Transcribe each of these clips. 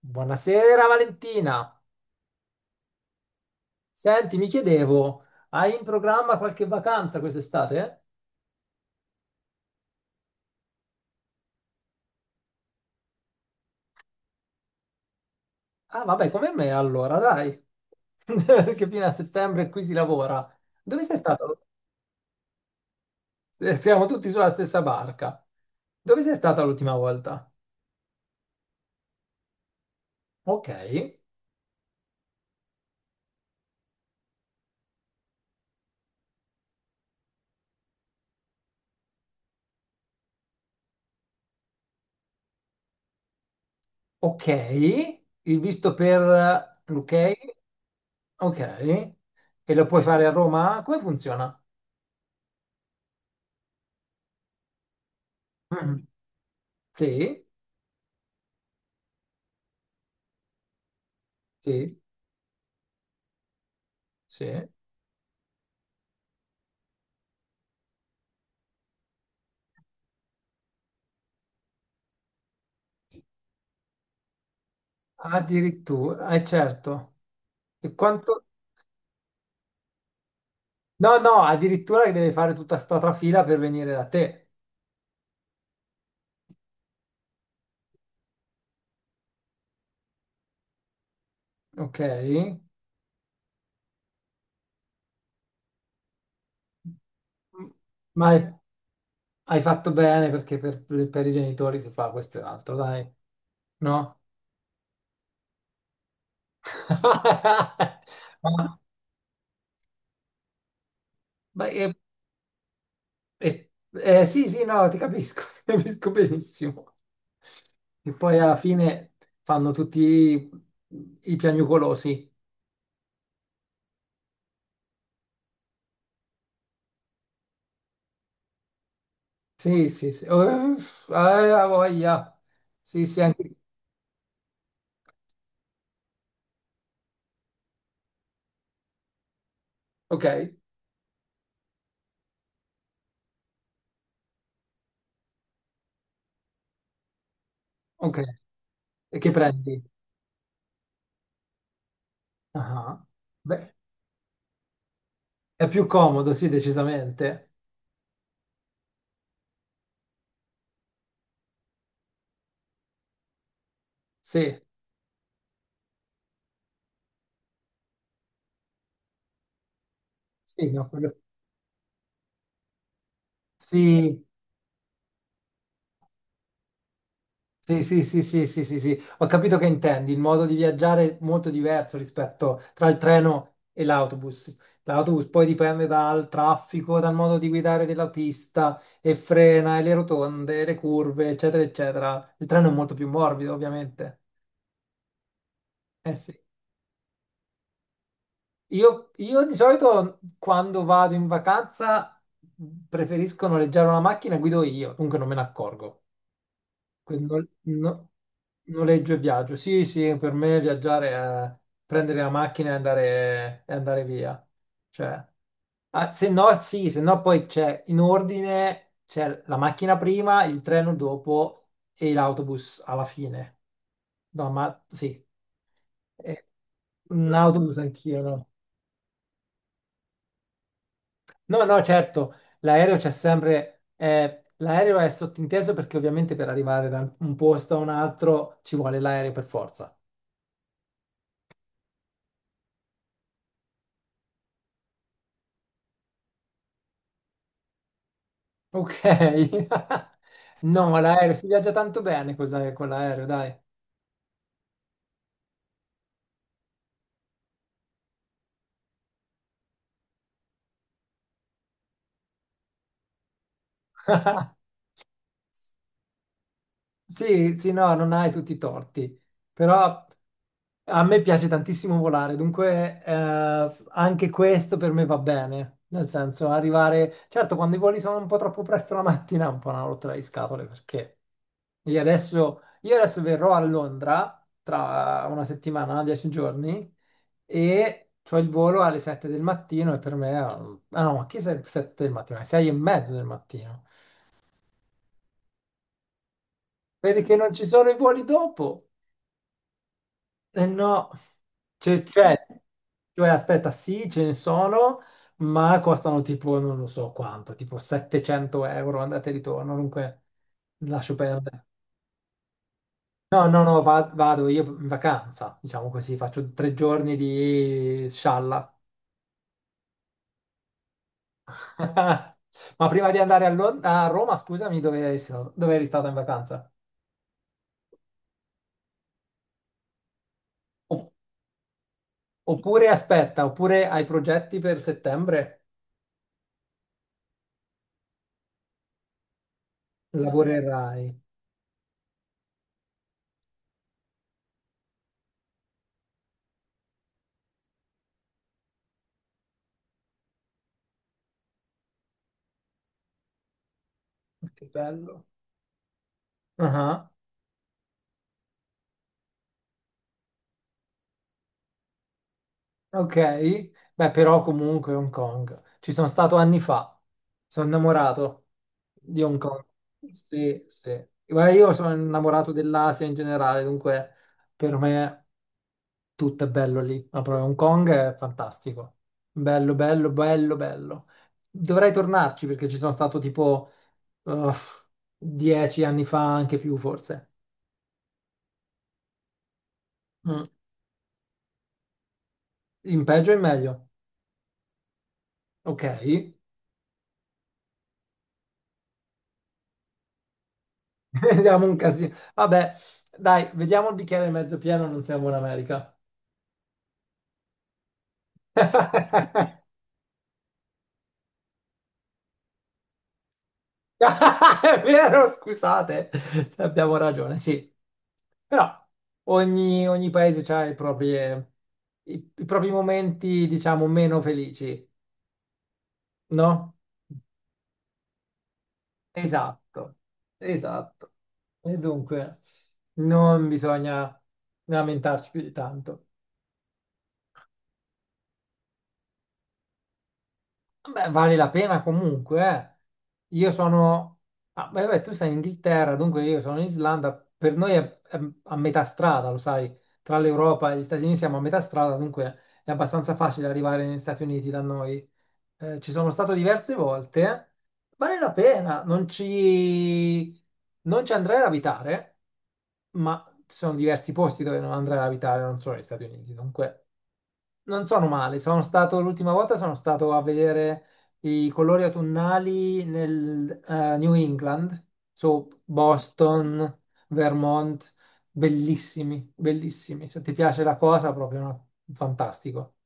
Buonasera Valentina. Senti, mi chiedevo, hai in programma qualche vacanza quest'estate? Ah, vabbè, come me allora, dai. Perché fino a settembre qui si lavora. Dove sei stata? Siamo tutti sulla stessa barca. Dove sei stata l'ultima volta? Ok, ok. Il visto per l'UK? Ok. E lo puoi fare a Roma? Come funziona? Mm. Sì, sì, sì. Addirittura, è certo. E quanto... No, no, addirittura che deve fare tutta sta trafila per venire da te. Ok? M- Ma hai fatto bene perché per i genitori si fa questo e l'altro, dai. No? Ma- ma è- è- sì, sì, no, ti capisco, ti capisco benissimo. E poi alla fine fanno tutti i piagnucolosi. Sì, sì, sì. Oh, uff, ah, voglia. Sì, sì, anche... Ok, ok. E che prendi? Ah, beh, è più comodo, sì, decisamente. Sì, sì, no, quello- Sì, sì, sì, sì, sì, sì, sì, sì. Ho capito che intendi. Il modo di viaggiare è molto diverso rispetto tra il treno e l'autobus. L'autobus poi dipende dal traffico, dal modo di guidare dell'autista e frena, e le rotonde, le curve, eccetera, eccetera. Il treno è molto più morbido, ovviamente. Eh sì. Io di solito quando vado in vacanza preferisco noleggiare una macchina e guido io, dunque non me ne accorgo. Quindi noleggio e viaggio. Sì, sì, per me viaggiare è prendere la macchina e andare via. Cioè, ah, se no, sì, se no poi c'è in ordine, c'è la macchina prima, il treno dopo e l'autobus alla fine. No, ma sì, eh, un autobus anch'io, no? No, no, certo, l'aereo c'è sempre, l'aereo è sottinteso perché ovviamente per arrivare da un posto a un altro ci vuole l'aereo per forza. Ok. No, l'aereo si viaggia tanto bene con l'aereo, dai. Sì, sì, no, non hai tutti i torti, però a me piace tantissimo volare, dunque anche questo per me va bene. Nel senso, arrivare... Certo, quando i voli sono un po' troppo presto la mattina è un po' una rotta di scatole, perché io adesso verrò a Londra tra una settimana, dieci giorni, e ho il volo alle sette del mattino e per me. Ah no, ma che sette del mattino? Alle sei e mezzo del mattino. Perché non ci sono i voli dopo. Eh no, cioè, cioè, aspetta, sì, ce ne sono, ma costano tipo, non lo so quanto, tipo 700 euro andata e ritorno, dunque lascio perdere. No, no, no, vado io in vacanza, diciamo così, faccio tre giorni di scialla. Ma prima di andare a Roma, scusami, dove eri stato in vacanza? O- oppure aspetta, oppure hai progetti per settembre? Lavorerai. Che bello. Ah. Ok, beh, però comunque Hong Kong. Ci sono stato anni fa. Sono innamorato di Hong Kong. Sì, sì. Guarda, io sono innamorato dell'Asia in generale, dunque per me tutto è bello lì. Ma proprio Hong Kong è fantastico. Bello, bello, bello, bello. Dovrei tornarci perché ci sono stato tipo uff, dieci anni fa, anche più forse. Mm. In peggio e in meglio. Ok. Siamo un casino. Vabbè, dai, vediamo il bicchiere mezzo pieno, non siamo in America. È vero, scusate, cioè, abbiamo ragione, sì. Però ogni paese ha i propri, i propri momenti, diciamo, meno felici, no? Esatto, esatto. E dunque, non bisogna lamentarci più di tanto. Beh, vale la pena comunque. Eh. Io sono... ah, beh, tu sei in Inghilterra, dunque io sono in Islanda. Per noi è a metà strada, lo sai, tra l'Europa e gli Stati Uniti siamo a metà strada, dunque è abbastanza facile arrivare negli Stati Uniti da noi. Ci sono stato diverse volte. Vale la pena, non ci andrei ad abitare, ma ci sono diversi posti dove non andrei ad abitare, non solo negli Stati Uniti. Dunque... Non sono male, sono stato a vedere i colori autunnali nel New England, su Boston, Vermont, bellissimi, bellissimi. Se ti piace la cosa, proprio no? Fantastico.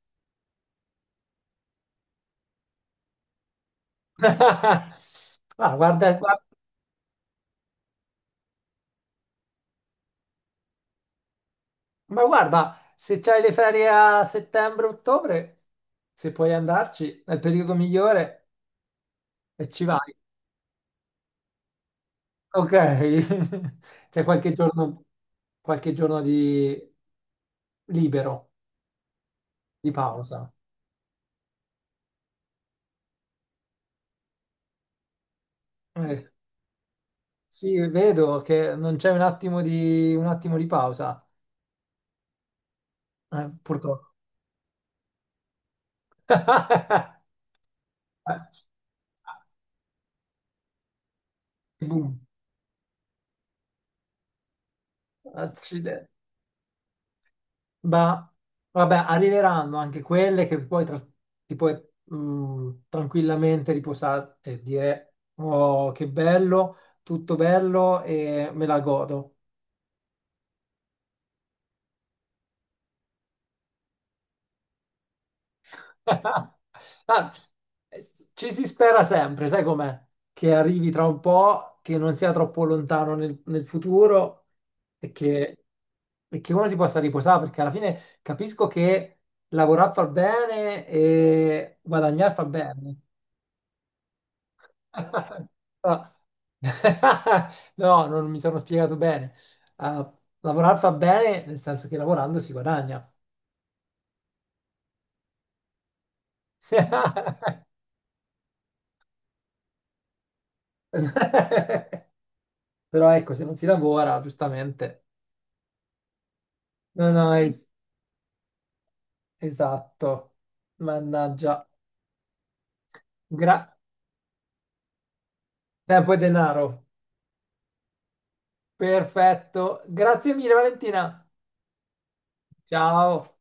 Ah, ma guarda, se c'hai le ferie a settembre-ottobre, se puoi andarci, è il periodo migliore e ci vai. Ok, c'è qualche giorno di libero, di pausa. Eh, sì, vedo che non c'è un attimo di pausa, purtroppo. Boom, accidenti. Ma vabbè, arriveranno anche quelle che ti puoi mm, tranquillamente riposare e dire, oh, che bello, tutto bello e me la godo. Ah, eh, ci si spera sempre, sai com'è? Che arrivi tra un po', che non sia troppo lontano nel futuro e che, e che uno si possa riposare, perché alla fine capisco che lavorare fa bene e guadagnare fa bene. No, no, non mi sono spiegato bene. Ah, lavorare fa bene nel senso che lavorando si guadagna. Però ecco, se non si lavora, giustamente, non hai... Esatto. Mannaggia. Gra... Tempo e denaro. Perfetto. Grazie mille, Valentina. Ciao.